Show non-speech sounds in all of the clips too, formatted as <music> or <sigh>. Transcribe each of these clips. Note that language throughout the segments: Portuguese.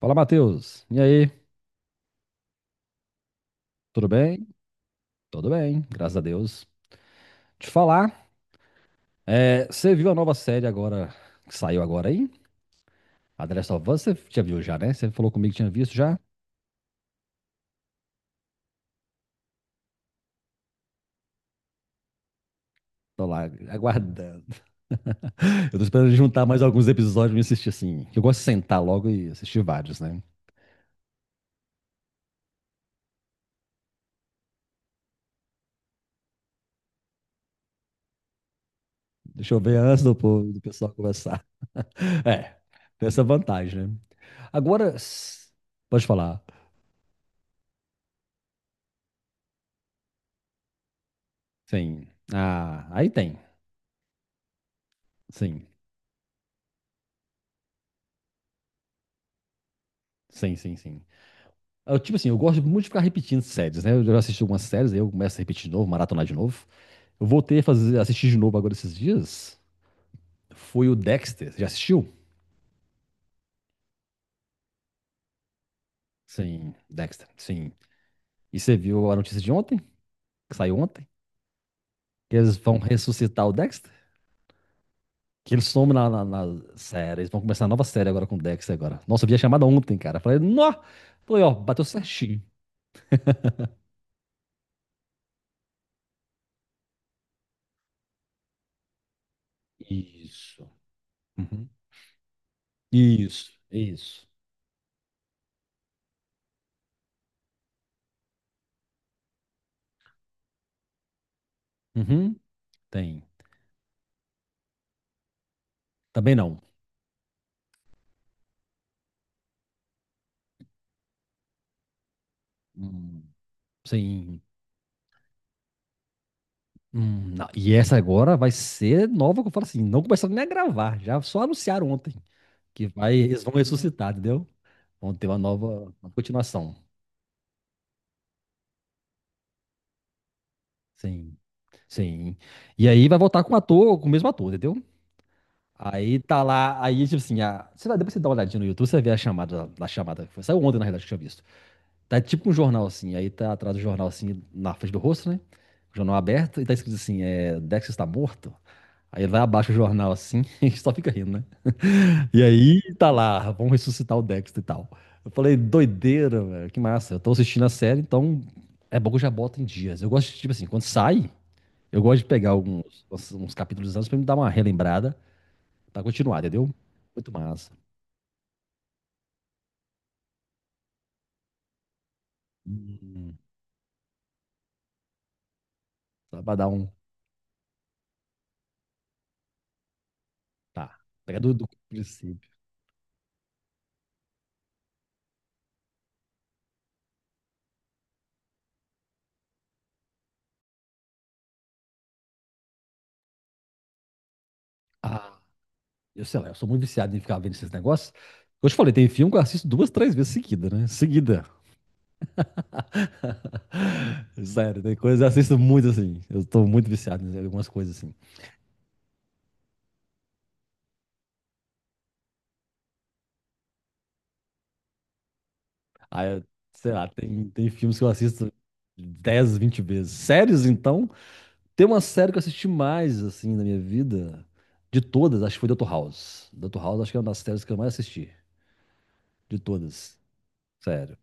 Fala, Matheus. E aí? Tudo bem? Tudo bem, graças a Deus. Te falar, é, você viu a nova série agora, que saiu agora aí? A The Last of Us, você já viu já, né? Você falou comigo que tinha visto já? Tô lá, aguardando. <laughs> Eu tô esperando juntar mais alguns episódios e assistir assim, que eu gosto de sentar logo e assistir vários, né? Deixa eu ver antes do pessoal conversar. <laughs> É, tem essa vantagem, né? Agora, pode falar. Sim. Ah, aí tem. Sim. Sim, sim, sim. Eu, tipo assim, eu gosto muito de ficar repetindo séries, né? Eu já assisti algumas séries, aí eu começo a repetir de novo, maratonar de novo. Eu voltei a fazer, assistir de novo agora esses dias. Foi o Dexter. Já assistiu? Sim, Dexter, sim. E você viu a notícia de ontem, que saiu ontem? Que eles vão ressuscitar o Dexter? Que ele some na série. Eles vão começar a nova série agora com o Dexter agora. Nossa, eu vi a chamada ontem, cara. Falei, nó! Falei, ó, bateu certinho. Isso. Uhum. Isso, isso. Uhum. Tem. Também não. Hum, sim. Não. E essa agora vai ser nova, que eu falo assim, não começaram nem a gravar, já só anunciaram ontem eles vão ressuscitar, entendeu? Vão ter uma nova, uma continuação. Sim, sim. E aí vai voltar com o ator, com o mesmo ator, entendeu? Aí tá lá, aí tipo assim, a, você vai, depois você dá uma olhadinha no YouTube, você vê a chamada, que saiu ontem na realidade que eu tinha visto. Tá tipo um jornal assim, aí tá atrás do jornal assim, na frente do rosto, né? Jornal aberto, e tá escrito assim, é, Dex está morto. Aí vai abaixo o jornal assim, <laughs> e só fica rindo, né? E aí tá lá, vamos ressuscitar o Dexter e tal. Eu falei, doideira, velho, que massa. Eu tô assistindo a série, então é bom que eu já boto em dias. Eu gosto, de, tipo assim, quando sai, eu gosto de pegar alguns uns capítulos antes pra me dar uma relembrada pra continuar, entendeu? Muito massa. Hum, só pra dar um. Tá. Pega do princípio. Ah, eu sei lá, eu sou muito viciado em ficar vendo esses negócios. Eu te falei, tem filme que eu assisto duas, três vezes seguida, né? Seguida. <laughs> Sério, tem coisas, eu assisto muito assim. Eu tô muito viciado em algumas coisas assim. Aí, sei lá, tem filmes que eu assisto 10, 20 vezes. Séries, então, tem uma série que eu assisti mais assim na minha vida, de todas, acho que foi Dr. House. Dr. House acho que é uma das séries que eu mais assisti, de todas. Sério.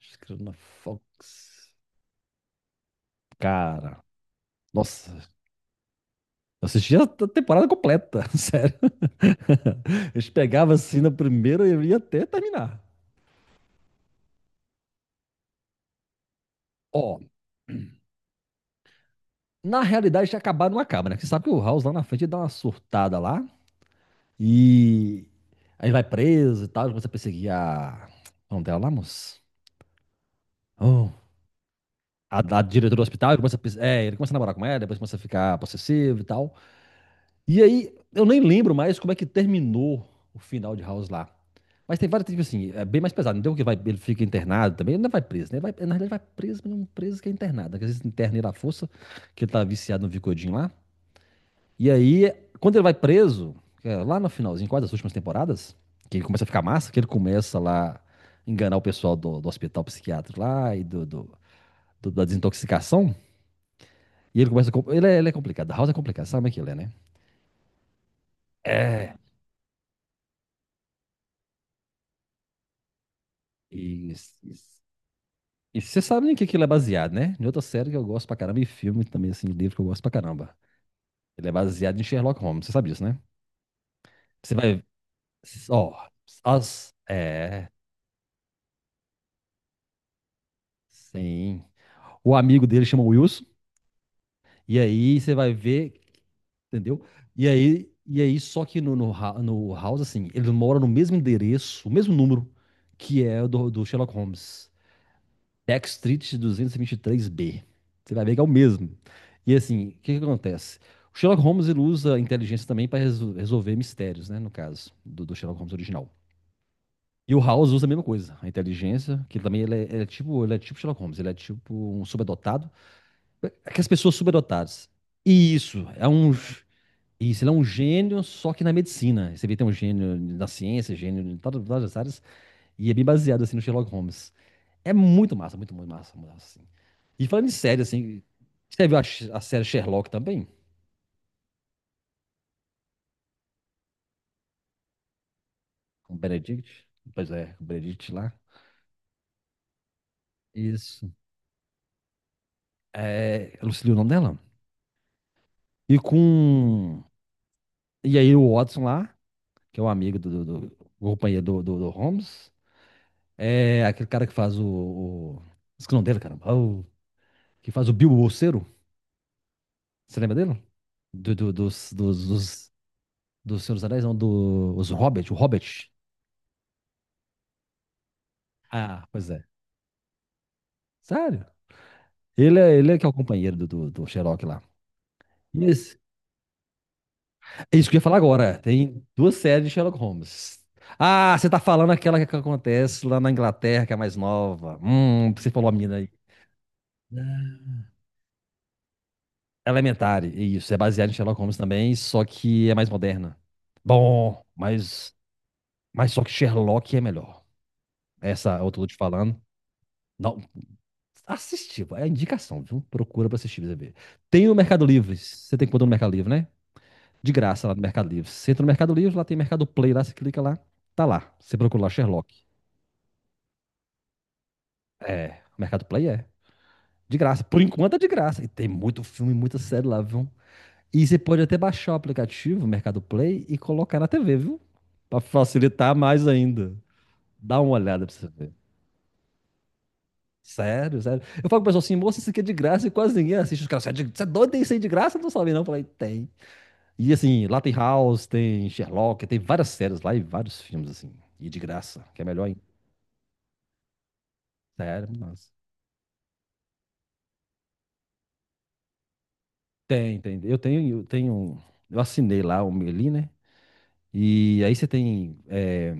Acho que era na Fox. Cara, nossa, eu assistia a temporada completa, <laughs> sério. <laughs> A gente pegava assim na primeira e eu ia até terminar. Ó, na realidade, acabar não acaba, né? Porque você sabe que o House lá na frente ele dá uma surtada lá e aí vai preso e tal, ele começa a perseguir a. Como dela lá, moço? Oh, a diretora do hospital, ele começa a, ele começa a namorar com ela, depois começa a ficar possessivo e tal. E aí, eu nem lembro mais como é que terminou o final de House lá. Mas tem vários, tipo assim, é bem mais pesado. Não tem um que vai, ele fica internado também, ele não vai preso, né? Ele vai, na realidade, vai preso, mas não preso que é internado, né? Que às vezes interna ele à força, que ele tá viciado no Vicodin lá. E aí, quando ele vai preso, é, lá no finalzinho, quase das últimas temporadas, que ele começa a ficar massa, que ele começa lá a enganar o pessoal do hospital psiquiátrico lá e da desintoxicação. E ele começa a, ele é, ele é complicado. A House é complicado, sabe como é que ele é, né? É. E você sabe em que ele é baseado, né? Em outra série que eu gosto pra caramba e filme também, assim, livro que eu gosto pra caramba. Ele é baseado em Sherlock Holmes, você sabe disso, né? Você vai. Ó. As. É. Sim. O amigo dele chama Wilson. E aí você vai ver, entendeu? E aí, só que no House, assim, eles moram no mesmo endereço, o mesmo número, que é o do Sherlock Holmes. Back Street 223B. Você vai ver que é o mesmo. E assim, o que que acontece? O Sherlock Holmes ele usa a inteligência também para resolver mistérios, né? No caso do Sherlock Holmes original. E o House usa a mesma coisa, a inteligência, que também ele é tipo Sherlock Holmes, ele é tipo um subadotado. Aquelas pessoas subadotadas. E isso, é um isso, ele é um gênio, só que na medicina. Você vê, tem um gênio na ciência, gênio em todas, as áreas, e é bem baseado, assim, no Sherlock Holmes. É muito massa, assim. E falando em série, assim, você viu a série Sherlock também? Com o Benedict? Pois é, com o Benedict lá. Isso. É, eu não sei o nome dela. E com... E aí o Watson lá, que é o amigo do, do, do o companheiro do, do, do Holmes, é aquele cara que faz o, esqueci o nome dele, caramba. Que faz o Bilbo Bolseiro. Você lembra dele? Do, do- dos, dos, dos, do Senhor dos Anéis, não, os Hobbit, o Hobbit. Ah, pois é. Sério? Ele é que é o companheiro do Sherlock lá. Isso, é isso que eu ia falar agora. Tem duas séries de Sherlock Holmes. Ah, você tá falando aquela que acontece lá na Inglaterra, que é a mais nova. Você falou a mina aí. Elementary, isso. É baseado em Sherlock Holmes também, só que é mais moderna. Bom, mas, só que Sherlock é melhor. Essa outra que eu tô te falando. Não. Assistir, é indicação, viu? Procura pra assistir, pra você ver. Tem o Mercado Livre, você tem conta no Mercado Livre, né? De graça lá no Mercado Livre. Você entra no Mercado Livre, lá tem Mercado Play, lá você clica lá, tá lá. Você procura lá Sherlock. É, o Mercado Play é. De graça, por enquanto é de graça. E tem muito filme, muita série lá, viu? E você pode até baixar o aplicativo, Mercado Play, e colocar na TV, viu? Pra facilitar mais ainda. Dá uma olhada pra você ver. Sério, sério. Eu falo pro pessoal assim, moça, isso aqui é de graça e quase ninguém assiste. Os caras, você é doido, tem isso aí de graça? Eu não sabe não. Eu falei, tem. E assim, lá tem House, tem Sherlock, tem várias séries lá e vários filmes, assim. E de graça, que é melhor ainda. Sério, nossa. Tem. Eu tenho um. Eu assinei lá o Meli, né? E aí você tem. é,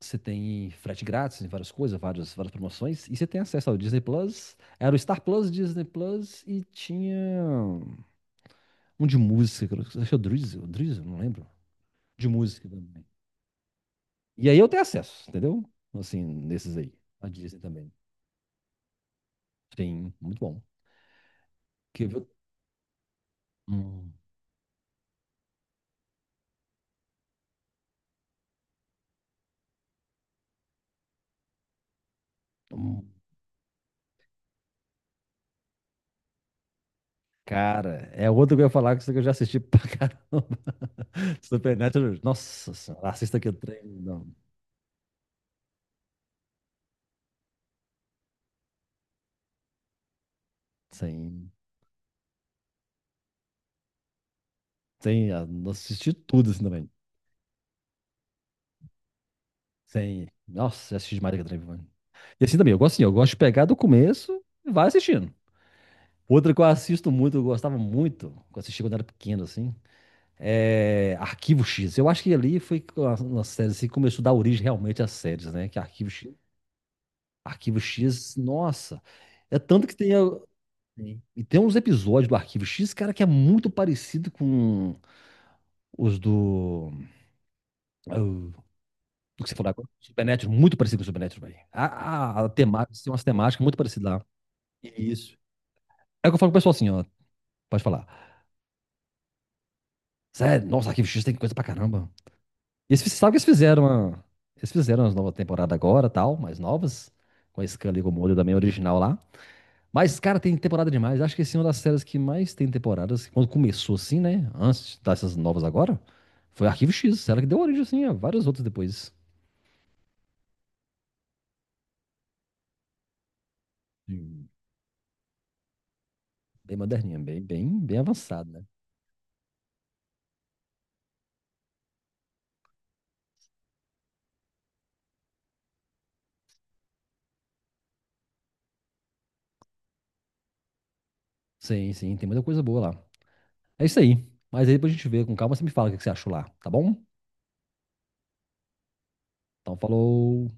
você tem frete grátis, várias coisas, várias, várias promoções. E você tem acesso ao Disney Plus. Era o Star Plus, Disney Plus e tinha um de música, acho que é o Drizzle, não lembro. De música também. E aí eu tenho acesso, entendeu? Assim, nesses aí. A Disney também. Sim, muito bom. Que viu? Hum, hum. Cara, é outro que eu ia falar que isso aqui eu já assisti pra caramba. <laughs> Supernatural, nossa senhora, assista aquele trem, não, sem, sem, ah, não assisti tudo assim também, sem, nossa, eu assisti demais aquele trem, mano. E assim também, eu gosto assim, eu gosto de pegar do começo e vai assistindo. Outra que eu assisto muito, eu gostava muito, que eu assisti quando era pequeno, assim, é Arquivo X. Eu acho que ali foi uma série assim, que começou a dar origem realmente às séries, né, que é Arquivo X. Arquivo X, nossa. É tanto que tem. E tem uns episódios do Arquivo X, cara, que é muito parecido com os do. Ah, do que você falou agora? Supernatural, muito parecido com o Supernatural, velho. A temática, tem umas temáticas muito parecidas lá. Isso. É o que eu falo pro pessoal assim, ó. Pode falar. Sério, nossa, Arquivo X tem coisa pra caramba. E eles, sabe que eles fizeram uma. Eles fizeram as novas temporadas agora, tal, mais novas. Com a Scully e com o molho também original lá. Mas, cara, tem temporada demais. Acho que esse é uma das séries que mais tem temporadas. Quando começou assim, né? Antes dessas novas agora, foi Arquivo X, série que deu origem assim a várias outras depois. Sim. Bem moderninha, bem, bem, bem avançada, né? Sim, sim, tem muita coisa boa lá. É isso aí. Mas aí depois a gente vê com calma, você me fala o que que você achou lá, tá bom? Então, falou.